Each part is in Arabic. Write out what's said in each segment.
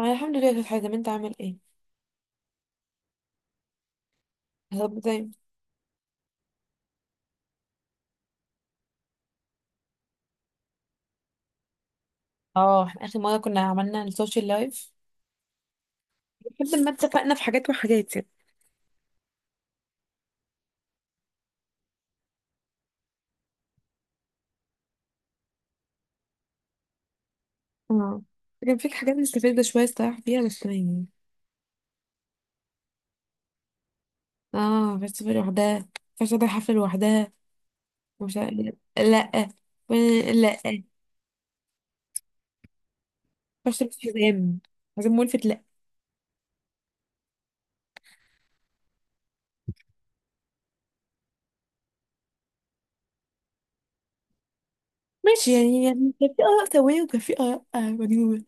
انا الحمد لله كانت حازم، انت عامل ايه؟ طب زي. اه احنا اخر مره كنا عملنا السوشيال لايف لحد ما اتفقنا في حاجات وحاجات يعني. امم كان فيك حاجات مستفزه شويه الصراحه فيها بس يعني. اه بس في لوحدها، فش ده حفله لوحدها ومش عارف إيه. لا. و- لا. فش بس حزام، حزام ملفت. لا ماشي، يعني كان في اراء سويه وكان في اراء مجنونه.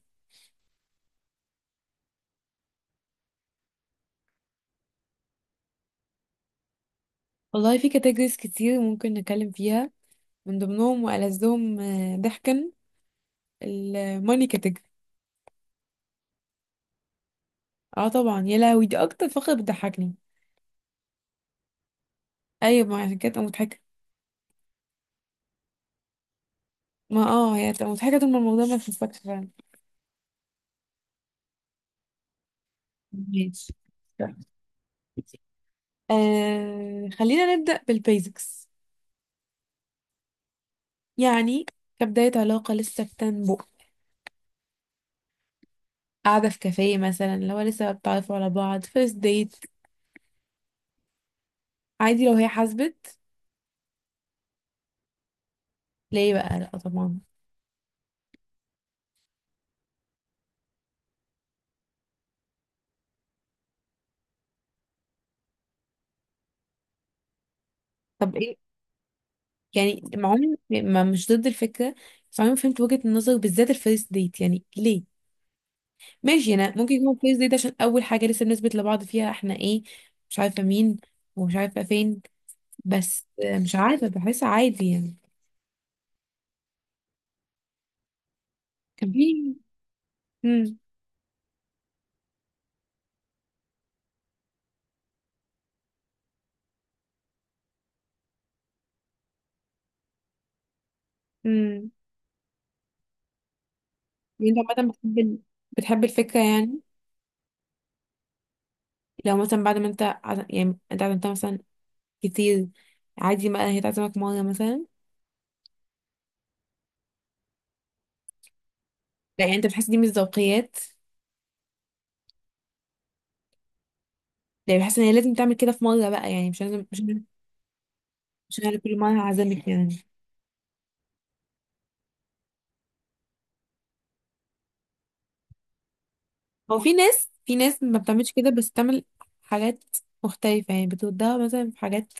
والله في كاتيجوريز كتير ممكن نتكلم فيها، من ضمنهم والذهم ضحكا الماني category. اه طبعا، يا لهوي دي اكتر فقرة بتضحكني. ايوه، ما عشان كده تبقى مضحكة. ما اه هي هتبقى مضحكة طول ما الموضوع ما يخصكش فعلا. ماشي. آه خلينا نبدأ بالبيزكس يعني، كبداية علاقة لسه بتنبؤ، قاعدة في كافيه مثلا، اللي هو لسه بتعرفوا على بعض فيرست ديت. عادي لو هي حاسبت. ليه بقى لا طبعا؟ طب ايه يعني، مع عمري ما مش ضد الفكرة، بس عمري ما فهمت وجهة النظر بالذات الفيرست ديت يعني ليه. ماشي انا ممكن يكون كويس ديت عشان اول حاجه لسه بنثبت لبعض فيها احنا ايه، مش عارفه مين ومش عارفه فين، بس مش عارفه بحس عادي يعني. كان في امم امم. انت عامه بتحب بتحب الفكره يعني؟ لو مثلا بعد ما انت يعني انت عزمتها مثلا كتير، عادي بقى هي تعزمك مره مثلا. لا يعني انت بتحس دي مش ذوقيات؟ يعني بحس ان هي لازم تعمل كده في مره بقى، يعني مش لازم مش انا كل مره هعزمك يعني. هو في ناس، في ناس ما بتعملش كده بس بتعمل حاجات مختلفة، يعني بتودها مثلا في حاجات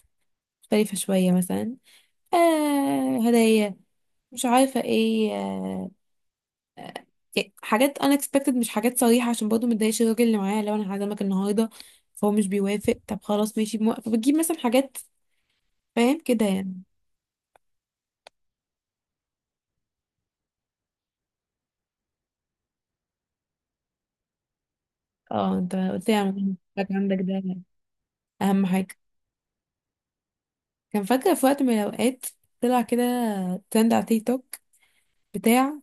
مختلفة شوية مثلا، آه هدايا مش عارفة ايه آه، يعني حاجات unexpected، مش حاجات صريحة عشان برضه متضايقش الراجل اللي معايا لو انا هعزمك النهاردة فهو مش بيوافق. طب خلاص ماشي، موافق بتجيب مثلا حاجات، فاهم كده يعني؟ اه انت قلت لي على موضوع الفاكهة عندك ده اهم حاجة. كان فاكرة في وقت من الأوقات طلع كده ترند على تيك توك بتاع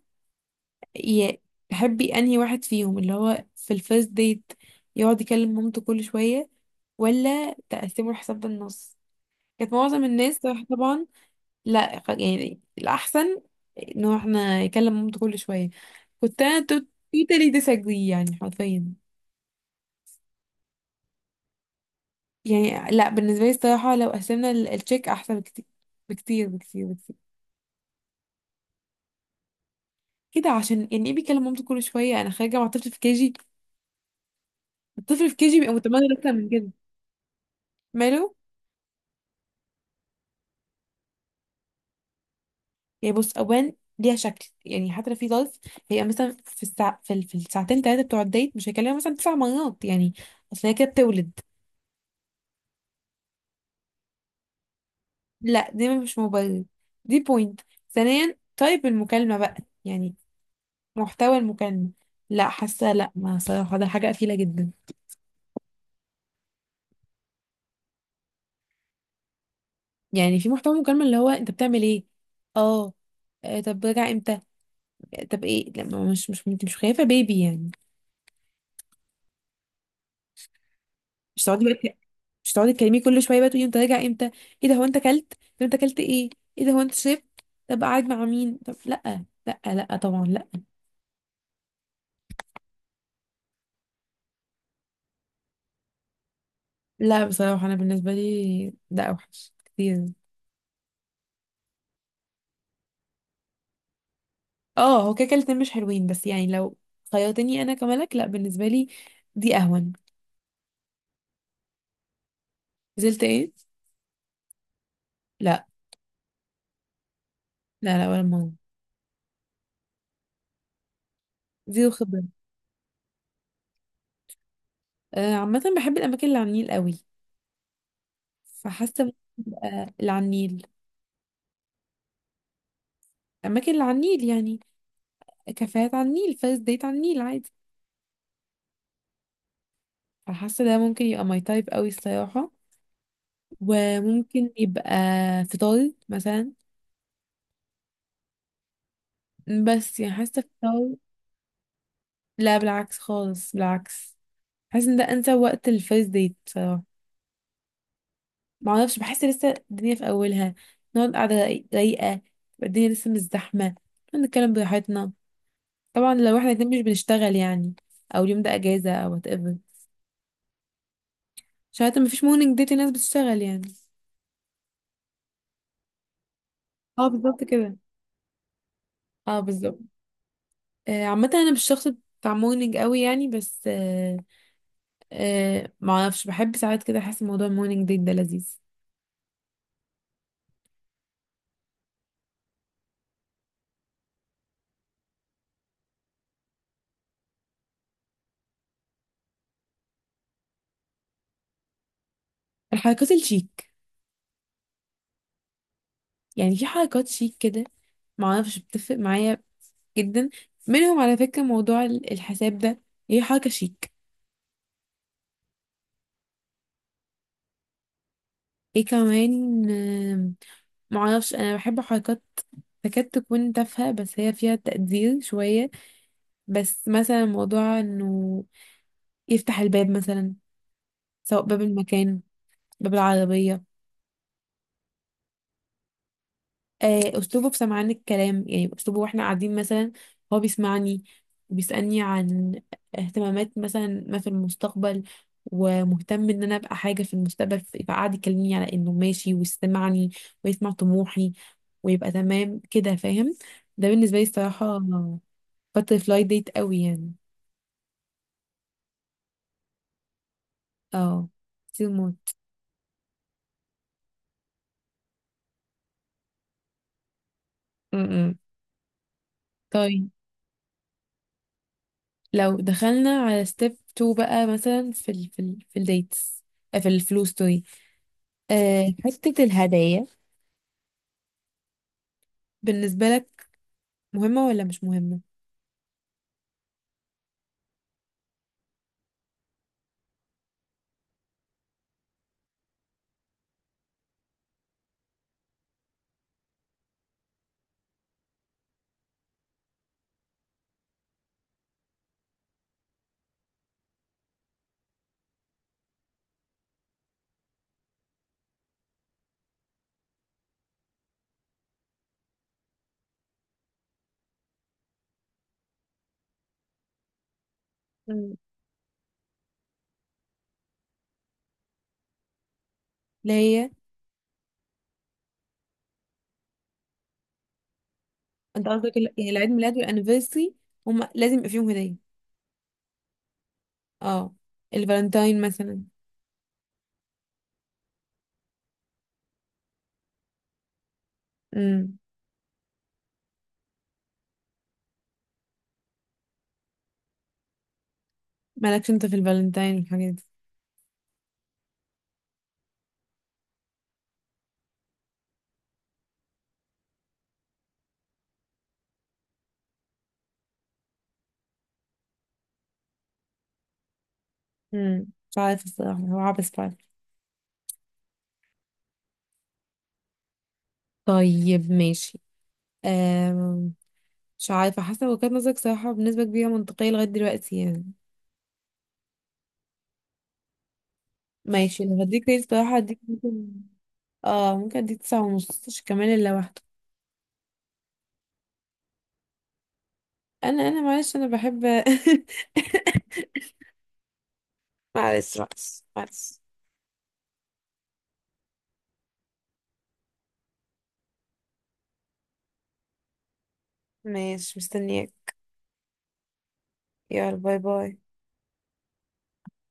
ي- تحبي انهي واحد فيهم اللي هو في الفيرست ديت يقعد يكلم مامته كل شوية، ولا تقسموا الحساب بالنص. كانت معظم الناس طبعا. لا يعني الأحسن انه احنا يكلم مامته كل شوية. كنت انا توتالي ديساجري يعني حرفيا. يعني لا بالنسبة لي الصراحة لو قسمنا التشيك أحسن بكتير بكتير بكتير بكتير كده، عشان يعني ايه بيكلم مامته كل شوية؟ أنا خارجة مع طفل في كيجي، الطفل في كيجي بيبقى متمرد أكتر من كده. ماله؟ يعني بص اوان ليها شكل، يعني حتى لو في ظرف، هي مثلا في الساعة في الساعتين ثلاثه بتوع الديت، مش هيكلمها مثلا تسع مرات يعني. اصل هي كده بتولد. لا دي مش مبرر، دي بوينت. ثانيا طيب المكالمه بقى، يعني محتوى المكالمه، لا حاسه لا ما صراحه ده حاجه قفيله جدا. يعني في محتوى المكالمه اللي هو انت بتعمل ايه؟ اه آه، طب راجع امتى؟ آه، طب ايه لما مش انت مش خايفه بيبي يعني؟ مش تقعدي بقى، مش تقعدي تكلميه كل شويه بقى تقولي انت راجع امتى؟ ايه ده هو انت اكلت؟ طب انت اكلت ايه؟ ايه ده هو انت شربت؟ طب قاعد مع مين؟ طب لا لا لا طبعا لا. لا بصراحه انا بالنسبه لي ده اوحش كتير. اه هو كده كده الاتنين مش حلوين، بس يعني لو خيرتني انا كملك لا، بالنسبه لي دي اهون. نزلت ايه؟ لا. لا لا ولا مره، زيرو خبره. آه عامه بحب الاماكن اللي على النيل قوي، فحاسه ممكن تبقى اللي على النيل. الاماكن اللي على النيل يعني كافيهات على النيل، فيرست ديت على النيل عادي. فحاسة ده ممكن يبقى ماي تايب قوي الصراحة. وممكن يبقى فطار مثلا. بس يعني حاسة فطار. لا بالعكس خالص، بالعكس. حاسة ان ده انسب وقت الفيرست ديت بصراحة. معرفش بحس لسه الدنيا في اولها، نقعد قاعدة رايقة، تبقى الدنيا لسه مش زحمة، نتكلم براحتنا. طبعا لو احنا الاتنين مش بنشتغل يعني، او اليوم ده اجازة او whatever. عشان حتى مفيش مورنينج ديت، الناس بتشتغل يعني. اه بالظبط كده، اه بالظبط. آه، عامة انا مش شخص بتاع مورنينج قوي يعني، بس آه آه ما اعرفش بحب ساعات كده، احس موضوع المورنينج ديت ده لذيذ. الحركات الشيك. يعني في حركات شيك كده ما اعرفش بتفرق معايا جدا. منهم على فكرة موضوع الحساب ده، هي حركة شيك. ايه كمان آه ما اعرفش، انا بحب حركات تكاد تكون تافهة بس هي فيها تقدير شوية. بس مثلا موضوع انه يفتح الباب مثلا، سواء باب المكان، باب العربية. آه، اسلوبه في سمعان الكلام يعني، اسلوبه واحنا قاعدين مثلا هو بيسمعني وبيسألني عن اهتمامات مثلا ما في المستقبل، ومهتم ان انا ابقى حاجه في المستقبل، فقعد يكلمني على انه ماشي، ويسمعني ويسمع طموحي ويبقى تمام كده، فاهم؟ ده بالنسبه لي الصراحه باتر فلاي ديت قوي يعني. اه كتير موت. م- م. طيب لو دخلنا على ستيب 2 بقى، مثلا في ال في ال في الديتس، آه، في الفلوس، آه، حتة الهدايا بالنسبة لك مهمة ولا مش مهمة؟ مم. اللي هي انت قصدك يعني العيد ميلاد والانيفرسري هما لازم يبقى فيهم هدية. اه الفالنتاين مثلا. امم مالكش انت في الفالنتاين والحاجات دي؟ امم مش عارفة الصراحة، هو عبس فعلا. طيب ماشي. آم. مش عارفة، حاسة وجهة نظرك صراحة بنسبة كبيرة منطقية لغاية دلوقتي يعني. ماشي لو هديك ريت صراحة هديك ممكن. اه ممكن اديك 9 ونص عشان كمان اللي لوحده. انا معلش انا بحب. معلش بس معلش. ماشي مستنياك. يلا باي باي.